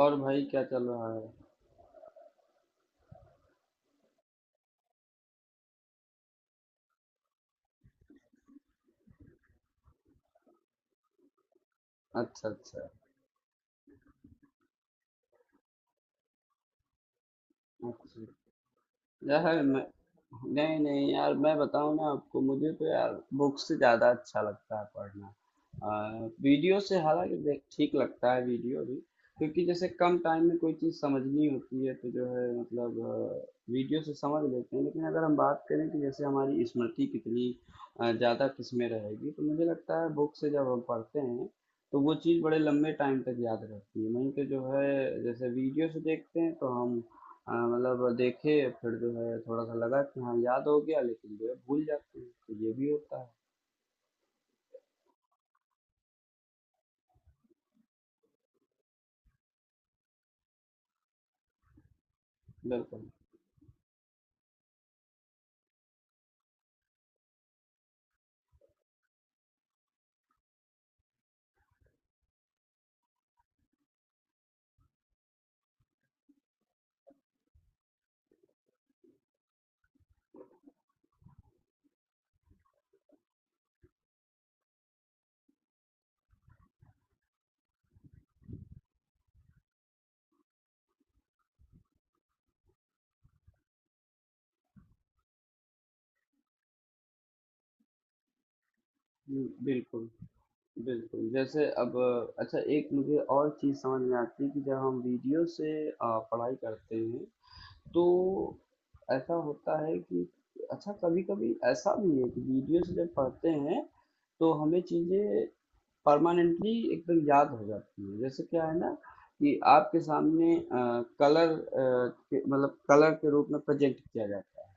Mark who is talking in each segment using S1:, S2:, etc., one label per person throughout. S1: और भाई क्या चल रहा है? अच्छा, अच्छा। अच्छा। यह है मैं नहीं नहीं यार, मैं बताऊँ ना आपको, मुझे तो यार बुक से ज़्यादा अच्छा लगता है पढ़ना। वीडियो से हालांकि देख ठीक लगता है वीडियो भी। क्योंकि जैसे कम टाइम में कोई चीज़ समझनी होती है तो जो है मतलब वीडियो से समझ लेते हैं। लेकिन अगर हम बात करें कि जैसे हमारी स्मृति कितनी ज़्यादा किसमें रहेगी, तो मुझे लगता है बुक से जब हम पढ़ते हैं तो वो चीज़ बड़े लंबे टाइम तक याद रहती है। नहीं तो जो है जैसे वीडियो से देखते हैं तो हम, हाँ, मतलब देखे, फिर जो है थोड़ा सा लगा कि हाँ याद हो गया लेकिन जो है भूल जाते हैं, तो ये भी होता है। बिल्कुल। बिल्कुल। बिल्कुल जैसे अब, अच्छा, एक मुझे और चीज़ समझ में आती है कि जब हम वीडियो से पढ़ाई करते हैं तो ऐसा होता है कि अच्छा, कभी कभी ऐसा भी है कि वीडियो से जब पढ़ते हैं तो हमें चीज़ें परमानेंटली एकदम याद हो जाती है। जैसे क्या है ना कि आपके सामने कलर, मतलब कलर के रूप में प्रेजेंट किया जाता है,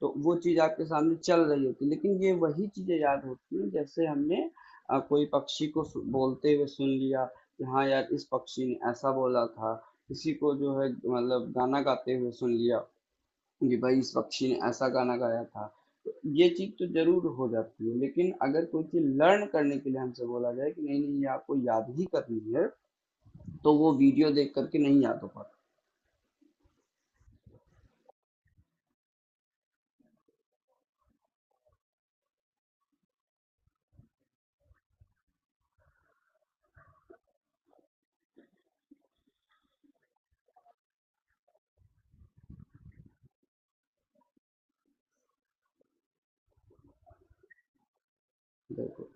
S1: तो वो चीज आपके सामने चल रही होती है। लेकिन ये वही चीजें याद होती हैं जैसे हमने कोई पक्षी को बोलते हुए सुन लिया कि हाँ यार इस पक्षी ने ऐसा बोला था, किसी को जो है मतलब गाना गाते हुए सुन लिया कि भाई इस पक्षी ने ऐसा गाना गाया था। तो ये चीज तो जरूर हो जाती है लेकिन अगर कोई चीज लर्न करने के लिए हमसे बोला जाए कि नहीं नहीं, ये आपको याद ही करनी है, तो वो वीडियो देख करके नहीं याद हो पाता। बिल्कुल।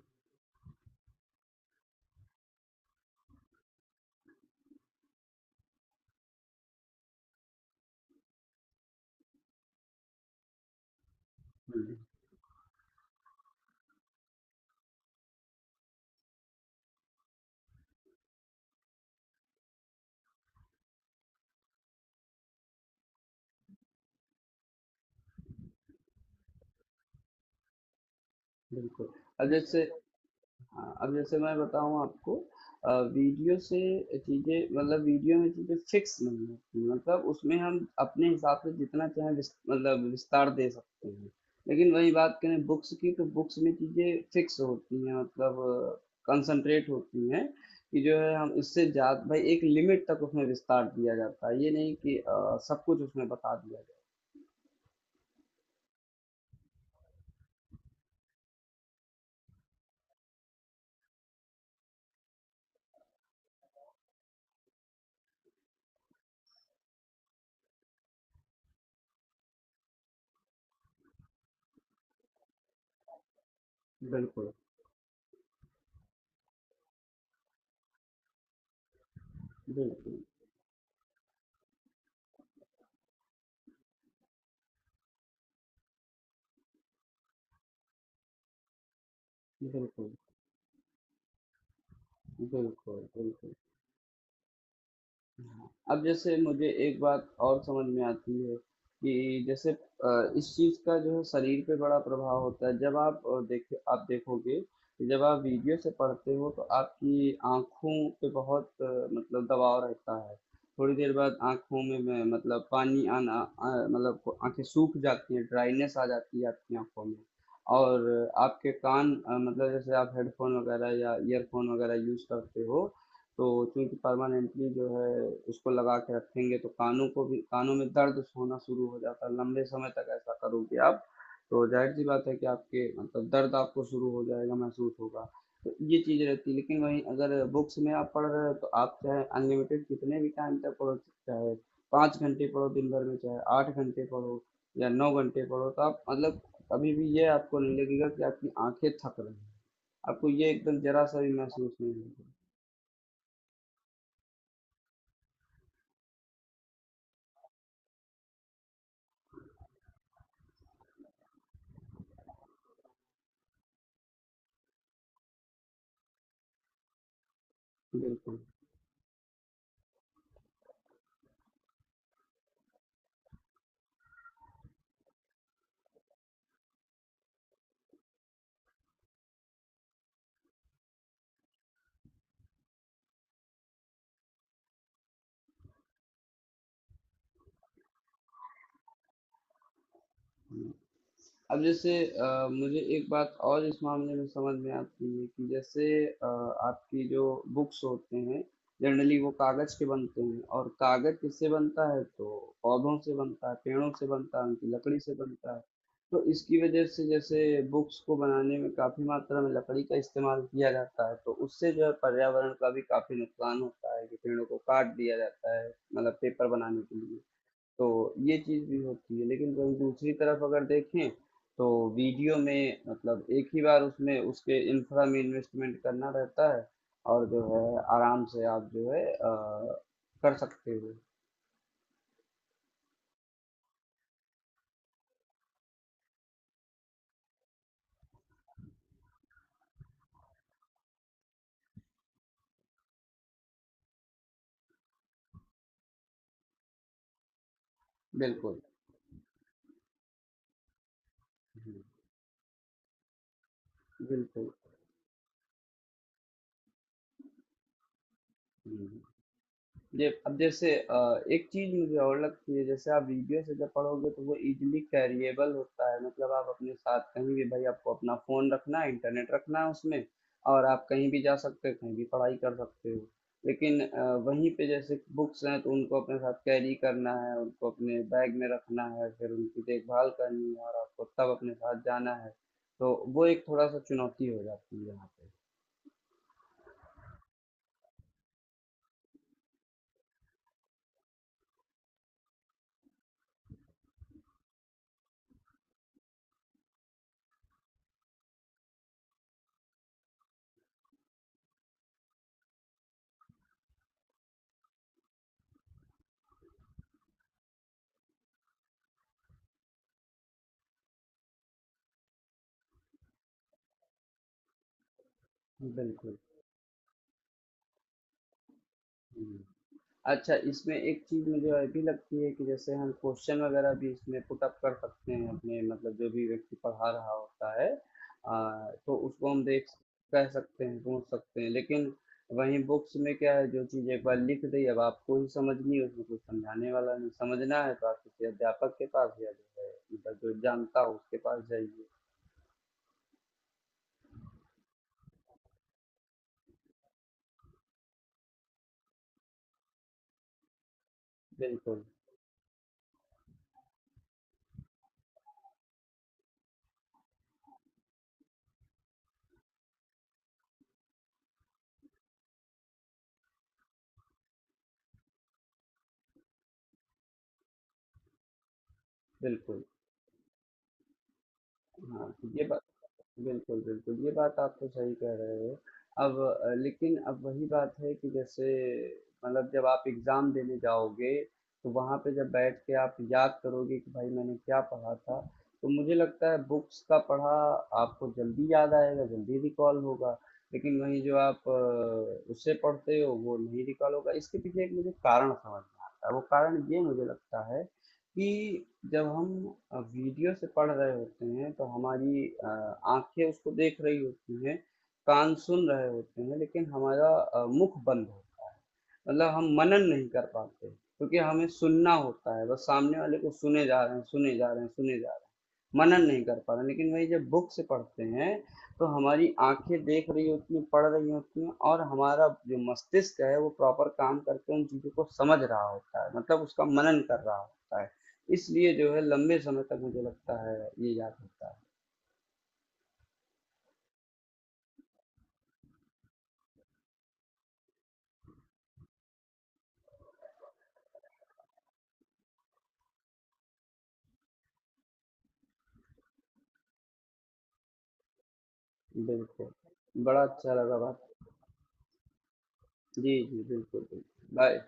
S1: हम्म, बिल्कुल। अब जैसे हाँ, अब जैसे मैं बताऊँ आपको, वीडियो से चीज़ें, मतलब वीडियो में चीज़ें फिक्स नहीं होती, मतलब उसमें हम अपने हिसाब से जितना चाहें मतलब विस्तार दे सकते हैं। लेकिन वही बात करें बुक्स की, तो बुक्स में चीज़ें फिक्स होती हैं, मतलब कंसंट्रेट होती हैं कि जो है हम इससे जा भाई एक लिमिट तक उसमें विस्तार दिया जाता है, ये नहीं कि सब कुछ उसमें बता दिया जाए। बिल्कुल। बिल्कुल बिल्कुल। बिल्कुल बिल्कुल। अब जैसे मुझे एक बात और समझ में आती है कि जैसे इस चीज़ का जो है शरीर पे बड़ा प्रभाव होता है। जब आप अ, देखे आप देखोगे कि जब आप वीडियो से पढ़ते हो तो आपकी आँखों पे बहुत मतलब दबाव रहता है। थोड़ी देर बाद आँखों में मतलब पानी आना, मतलब आँखें सूख जाती हैं, ड्राइनेस आ जाती है आपकी आँखों में। और आपके कान, मतलब जैसे आप हेडफ़ोन वगैरह या ईयरफ़ोन वगैरह यूज़ करते हो, तो चूँकि परमानेंटली जो है उसको लगा के रखेंगे तो कानों को भी कानों में दर्द होना शुरू हो जाता है। लंबे समय तक ऐसा करोगे आप तो जाहिर सी बात है कि आपके मतलब दर्द आपको शुरू हो जाएगा, महसूस होगा। तो ये चीज़ रहती है। लेकिन वहीं अगर बुक्स में आप पढ़ रहे हो तो आप चाहे अनलिमिटेड कितने भी टाइम तक पढ़ो, चाहे पाँच घंटे पढ़ो दिन भर में, चाहे आठ घंटे पढ़ो या नौ घंटे पढ़ो, तो आप मतलब कभी भी ये आपको नहीं लगेगा कि आपकी आंखें थक रही हैं, आपको ये एकदम जरा सा भी महसूस नहीं होगा। बिल्कुल। अब जैसे मुझे एक बात और इस मामले में समझ में आती है कि जैसे आपकी जो बुक्स होते हैं जनरली वो कागज के बनते हैं, और कागज किससे बनता है तो पौधों से बनता है, पेड़ों से बनता है, उनकी लकड़ी से बनता है, तो इसकी वजह से जैसे बुक्स को बनाने में काफी मात्रा में लकड़ी का इस्तेमाल किया जाता है तो उससे जो है पर्यावरण का भी काफी नुकसान होता है कि पेड़ों को काट दिया जाता है, मतलब पेपर बनाने के लिए। तो ये चीज़ भी होती है लेकिन वहीं दूसरी तरफ अगर देखें तो वीडियो में मतलब एक ही बार उसमें उसके इंफ्रा में इन्वेस्टमेंट करना रहता है, और जो है आराम से आप जो है कर सकते हो। बिल्कुल। हम्म, बिल्कुल। हम्म। ये अब जैसे एक चीज मुझे और लगती है जैसे आप वीडियो से जब पढ़ोगे तो वो इजीली कैरिएबल होता है, मतलब आप अपने साथ कहीं भी, भाई आपको अपना फोन रखना है, इंटरनेट रखना है उसमें, और आप कहीं भी जा सकते हो, कहीं भी पढ़ाई कर सकते हो। लेकिन वहीं पे जैसे बुक्स हैं तो उनको अपने साथ कैरी करना है, उनको अपने बैग में रखना है, फिर उनकी देखभाल करनी है और आपको तब अपने साथ जाना है, तो वो एक थोड़ा सा चुनौती हो जाती है यहाँ पे। बिल्कुल। हम्म। अच्छा, इसमें एक चीज़ मुझे और भी लगती है कि जैसे हम क्वेश्चन वगैरह भी इसमें पुट अप कर सकते हैं अपने, मतलब जो भी व्यक्ति पढ़ा रहा होता है, तो उसको हम देख कह सकते हैं, पूछ सकते हैं। लेकिन वहीं बुक्स में क्या है, जो चीज़ एक बार लिख दी अब आपको ही समझनी है, उसमें कुछ समझाने वाला नहीं, समझना है तो आप किसी अध्यापक के पास या जो है मतलब जो जानता हो उसके पास जाइए। बिल्कुल। बिल्कुल। हाँ तो ये बात बिल्कुल, बिल्कुल, ये बात आप तो सही कह रहे हो। अब, लेकिन अब वही बात है कि जैसे मतलब जब आप एग्ज़ाम देने जाओगे, तो वहाँ पे जब बैठ के आप याद करोगे कि भाई मैंने क्या पढ़ा था, तो मुझे लगता है बुक्स का पढ़ा आपको जल्दी याद आएगा, जल्दी रिकॉल होगा। लेकिन वहीं जो आप उससे पढ़ते हो वो नहीं रिकॉल होगा। इसके पीछे एक मुझे कारण समझ में आता है, वो कारण ये मुझे लगता है कि जब हम वीडियो से पढ़ रहे होते हैं तो हमारी आँखें उसको देख रही होती हैं, कान सुन रहे होते हैं, लेकिन हमारा मुख बंद होता है। मतलब हम मनन नहीं कर पाते क्योंकि हमें सुनना होता है, बस सामने वाले को सुने जा रहे हैं, सुने जा रहे हैं, सुने जा रहे हैं। मनन नहीं कर पा रहे हैं। लेकिन वही जब बुक से पढ़ते हैं तो हमारी आँखें देख रही होती हैं, पढ़ रही होती हैं और हमारा जो मस्तिष्क है वो प्रॉपर काम करके उन चीज़ों को समझ रहा होता है, मतलब उसका मनन कर रहा होता है। इसलिए जो है लंबे समय तक मुझे लगता है ये याद होता है। बिल्कुल। बड़ा अच्छा लगा बात जी जी, बिल्कुल बिल्कुल, बाय।